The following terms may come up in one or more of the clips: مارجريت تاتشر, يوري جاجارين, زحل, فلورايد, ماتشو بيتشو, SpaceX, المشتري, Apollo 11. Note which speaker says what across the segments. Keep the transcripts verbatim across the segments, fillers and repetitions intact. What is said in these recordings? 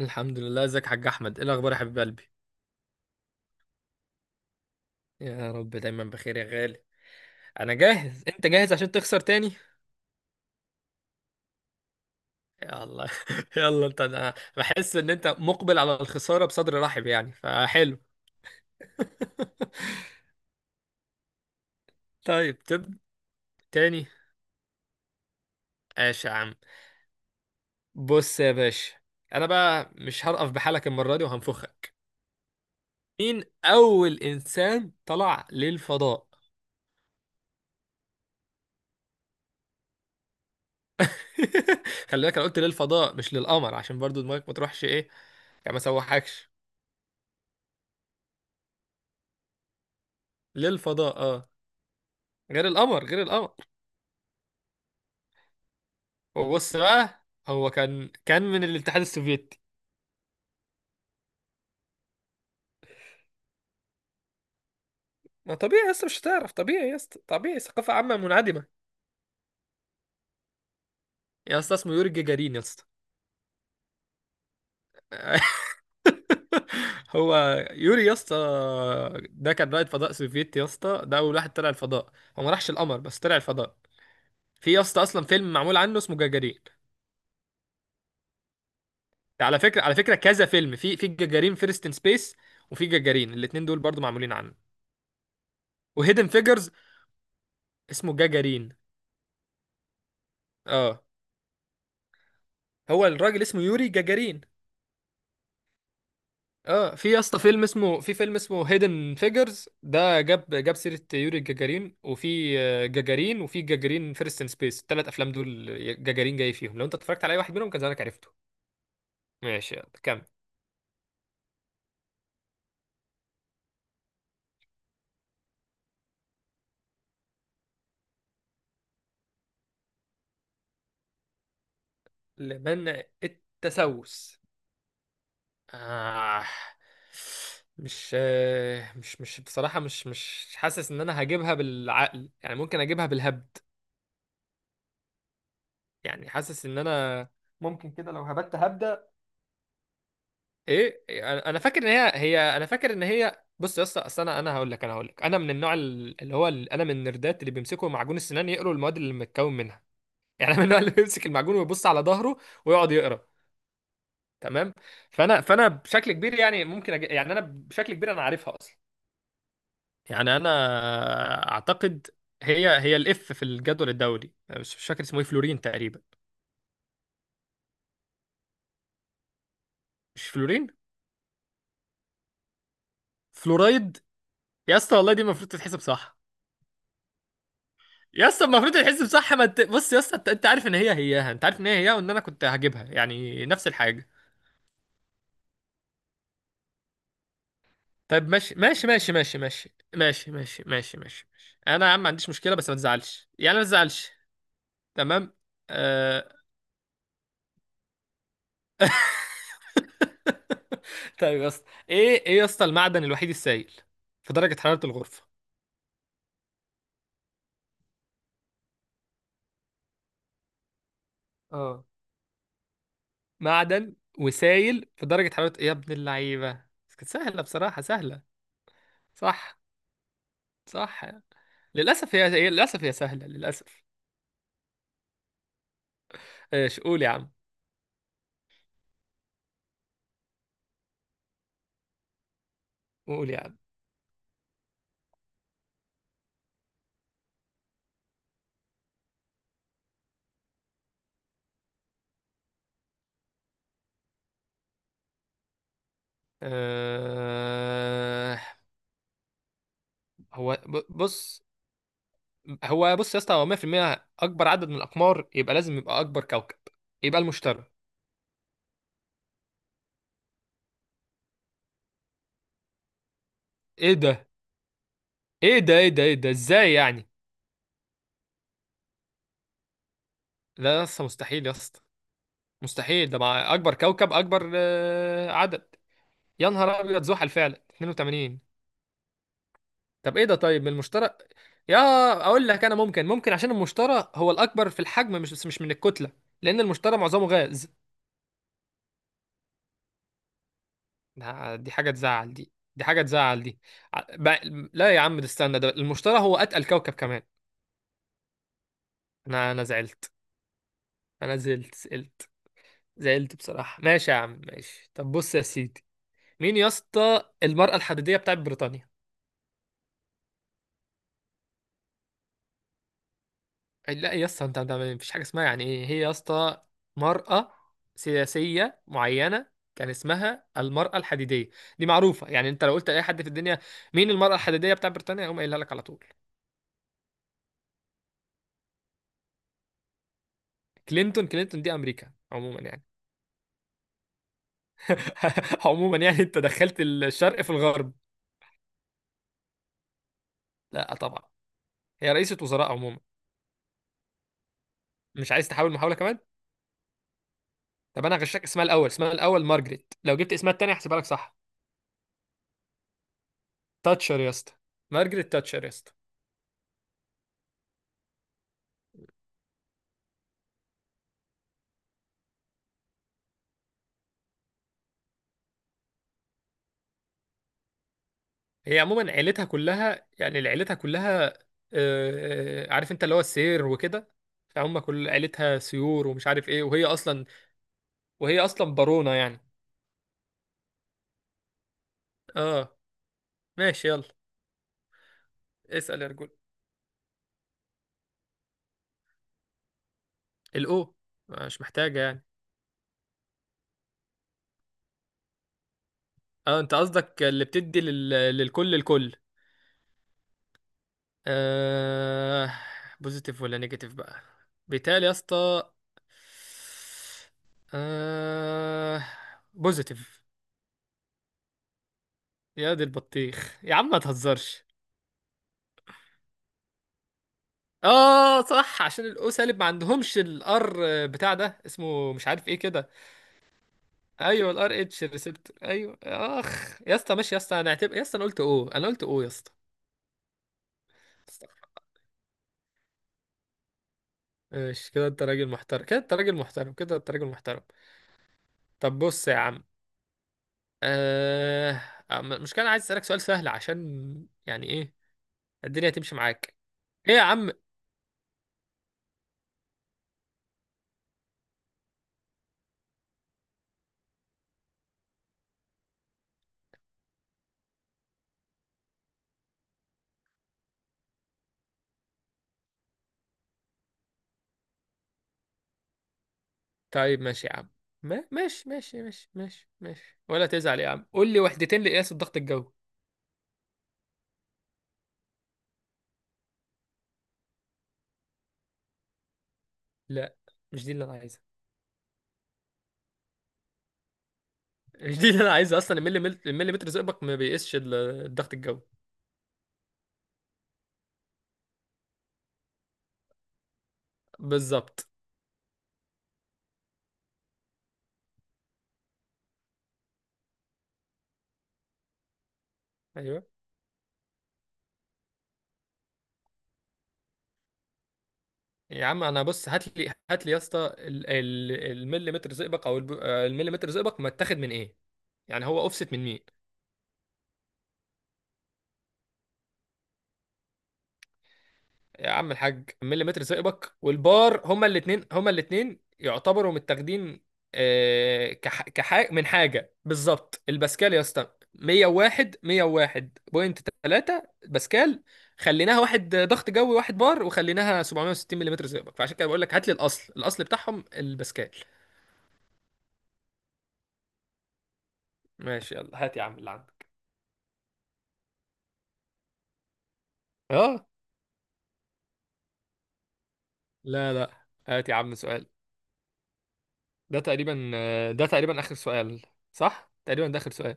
Speaker 1: الحمد لله. ازيك يا حاج احمد؟ ايه الاخبار يا حبيب قلبي؟ يا رب دايما بخير يا غالي. انا جاهز. انت جاهز عشان تخسر تاني؟ يلا يلا انت. انا بحس ان انت مقبل على الخساره بصدر رحب، يعني فحلو. طيب تب تاني. ماشي يا عم. بص يا باشا، انا بقى مش هرقف بحالك المره دي وهنفخك. مين اول انسان طلع للفضاء؟ خلي بالك انا قلت للفضاء مش للقمر، عشان برضو دماغك ما تروحش ايه، يعني ما سوحكش. للفضاء اه، غير القمر غير القمر. وبص بقى، هو كان كان من الاتحاد السوفيتي. ما طبيعي يا اسطى مش هتعرف، طبيعي يا اسطى، طبيعي، ثقافة عامة منعدمة. يا اسطى اسمه يوري جاجارين يا اسطى. هو يوري يا اسطى. ده كان رائد فضاء سوفيتي يا اسطى، ده اول واحد طلع الفضاء. هو ما راحش القمر بس طلع الفضاء. في يا اسطى اصلا فيلم معمول عنه اسمه جاجارين. ده على فكرة، على فكرة كذا فيلم، في في جاجارين فيرست ان سبيس، وفي جاجارين، الاتنين دول برضو معمولين عنه. وهيدن فيجرز. اسمه جاجارين. اه، هو الراجل اسمه يوري جاجارين. اه في يا اسطى فيلم اسمه، في فيلم اسمه هيدن فيجرز، ده جاب جاب سيرة يوري جاجارين، وفي آه، جاجارين، وفي جاجارين فيرست ان سبيس. الثلاث افلام دول جاجارين جاي فيهم. لو انت اتفرجت على اي واحد منهم كان زمانك عرفته. ماشي يلا كمل. لمن التسوس؟ آه. مش آه، مش مش بصراحة مش مش حاسس ان انا هجيبها بالعقل، يعني ممكن اجيبها بالهبد. يعني حاسس ان انا ممكن كده لو هبت هبدة. ايه، انا أنا فاكر ان هي هي، انا فاكر ان هي، بص يا اسطى، اصل انا انا هقول لك، انا هقول لك، انا من النوع ال- اللي هو ال- انا من النردات اللي بيمسكوا معجون السنان يقروا المواد اللي متكون منها. يعني انا من النوع اللي بيمسك المعجون ويبص على ظهره ويقعد يقرا. تمام. فانا فانا بشكل كبير، يعني ممكن أج... يعني انا بشكل كبير انا عارفها اصلا. يعني انا اعتقد هي هي الاف في الجدول الدوري، مش مش فاكر اسمه ايه، فلورين تقريبا. مش فلورين، فلورايد. يا اسطى والله دي المفروض تتحسب صح. يا اسطى المفروض الحزب صح، ما انت بص يا اسطى، انت انت عارف ان هي هياها، انت عارف ان هي هياها وان انا كنت هجيبها، يعني نفس الحاجه. طيب ماشي ماشي ماشي ماشي ماشي ماشي ماشي ماشي ماشي ماشي، انا يا عم ما عنديش مشكله، بس ما تزعلش يعني، ما تزعلش. تمام. آه... طيب يا اسطى، ايه ايه يا اسطى المعدن الوحيد السائل في درجه حراره الغرفه؟ اه معدن وسائل في درجه حراره، يا ابن اللعيبه بس، كانت سهله بصراحه سهله. صح. صح. للاسف هي هي- للاسف هي سهله للاسف. ايش قول يا عم. قول يا عم. أه... هو ب- بص، هو بص يا اسطى، هو مية في المية اكبر عدد من الاقمار، يبقى لازم يبقى اكبر كوكب، يبقى المشتري. ايه ده، ايه ده، ايه ده، ايه ده، ازاي يعني؟ لا يا اسطى مستحيل يا اسطى، مستحيل ده مع اكبر كوكب، اكبر آه، عدد. يا نهار ابيض، زحل فعلا اتنين وتمانين. طب ايه ده، طيب من المشتري، يا، اقول لك انا ممكن، ممكن عشان المشتري هو الاكبر في الحجم، مش بس مش من الكتله، لان المشتري معظمه غاز. ده- دي حاجة تزعل، دي دي حاجة تزعل دي. ع- بقى- لا يا عم، ده استنى، ده المشتري هو أتقل كوكب كمان. أنا أنا زعلت، أنا زعلت زعلت زعلت بصراحة. ماشي يا عم، ماشي. طب بص يا سيدي، مين يا اسطى المرأة الحديدية بتاعت بريطانيا؟ لا يا اسطى، انت انت مفيش حاجة اسمها يعني ايه هي يا اسطى، مرأة سياسية معينة كان اسمها المرأة الحديدية، دي معروفة يعني، انت لو قلت لأي حد في الدنيا مين المرأة الحديدية بتاعت بريطانيا هيقوم قايلها لك على طول. كلينتون؟ كلينتون دي أمريكا عموما يعني. عموما يعني انت دخلت الشرق في الغرب. لا طبعا، هي رئيسة وزراء عموما. مش عايز تحاول محاولة كمان؟ طب انا هغشك، اسمها الاول، اسمها الاول مارجريت، لو جبت اسمها التاني هحسبها لك صح. تاتشر يا اسطى، مارجريت تاتشر يا اسطى. هي عموما عيلتها كلها، يعني عيلتها كلها آه، عارف انت، اللي هو السير وكده، فهم كل عيلتها سيور ومش عارف ايه، وهي اصلا وهي اصلا بارونة يعني. اه. ماشي يلا، اسأل يا رجل. الاو، مش محتاجة يعني. اه انت قصدك اللي بتدي لل... للكل، الكل. آه... بوزيتيف ولا نيجاتيف بقى؟ بيتهيألي يا اسطى. آه... بوزيتيف. يا دي البطيخ يا عم، ما تهزرش. اه صح، عشان الاو سالب ما عندهمش الار بتاع ده، اسمه مش عارف ايه كده. ايوه الار اتش الريسبتور، ايوه اخ يا اسطى، ماشي يا اسطى، انا اعتبر يا اسطى انا قلت او، انا قلت او يا اسطى. ماشي كده، انت راجل محترم كده، انت راجل محترم كده، انت راجل محترم. طب بص يا عم، آه... المشكلة أنا عايز أسألك سؤال سهل عشان يعني إيه الدنيا تمشي معاك. إيه يا عم؟ طيب ماشي يا عم، ما... ماشي ماشي ماشي ماشي ماشي، ولا تزعل يا عم، قول لي وحدتين لقياس الضغط الجوي. لا، مش دي اللي أنا عايزها. مش دي اللي أنا عايزها أصلا، الملي المليمتر زئبق ما بيقيسش ال- الضغط الجوي. بالظبط. أيوه. يا عم أنا بص، هات لي هات لي يا اسطى ال- ال- المليمتر زئبق، أو الب- آه، المليمتر زئبق متاخد من إيه، يعني هو أوفست من مين. يا عم الحاج مليمتر ثقبك والبار، هما الاتنين، هما الاتنين يعتبروا متاخدين آه، كح... كح... من حاجة بالظبط، الباسكال يا اسطى، مية وواحد، مية وواحد فاصلة تلاتة باسكال. خليناها واحد ضغط جوي، واحد بار، وخليناها سبعمئة وستين مليمتر ثقبك، فعشان كده بقول لك هات لي الاصل، الاصل بتاعهم الباسكال. ماشي يلا، هات يا عم اللي عندك. اه، لا لا، هات يا عم سؤال. ده تقريبا آه، ده تقريبا اخر سؤال، صح؟ تقريبا ده اخر سؤال.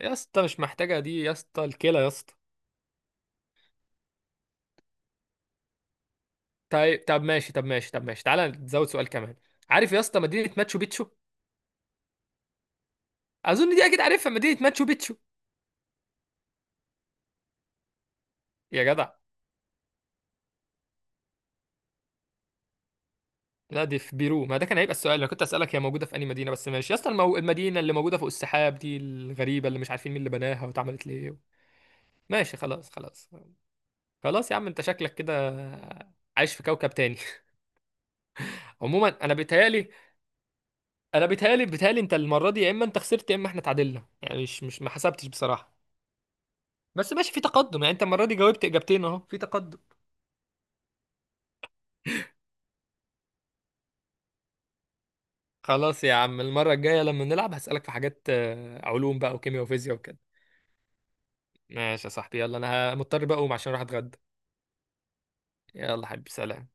Speaker 1: يا اسطى مش محتاجة دي يا اسطى، الكلى يا اسطى. طيب طب ماشي، طب ماشي، طب ماشي، تعالى نزود سؤال كمان. عارف يا اسطى مدينة ماتشو بيتشو؟ اظن دي اكيد عارفها، مدينة ماتشو بيتشو. يا جدع. لا دي في بيرو، ما ده كان هيبقى السؤال، انا كنت اسالك هي موجودة في انهي مدينة، بس ماشي يا اسطى، المو... المدينة اللي موجودة فوق السحاب دي الغريبة، اللي مش عارفين مين اللي بناها واتعملت ليه. ماشي خلاص خلاص. خلاص يا عم، انت شكلك كده عايش في كوكب تاني. عموما انا بيتهيالي، انا بيتهيالي بيتهيالي انت المرة دي، يا اما انت خسرت يا اما احنا تعادلنا، يعني مش مش ما حسبتش بصراحة. بس ماشي في تقدم يعني، انت المره دي جاوبت اجابتين، اهو في تقدم. خلاص يا عم، المره الجايه لما نلعب هسألك في حاجات آه، علوم بقى وكيمياء وفيزياء وكده. ماشي يا صاحبي، يلا انا مضطر بقى اقوم عشان اروح اتغدى. يلا حبيبي سلام.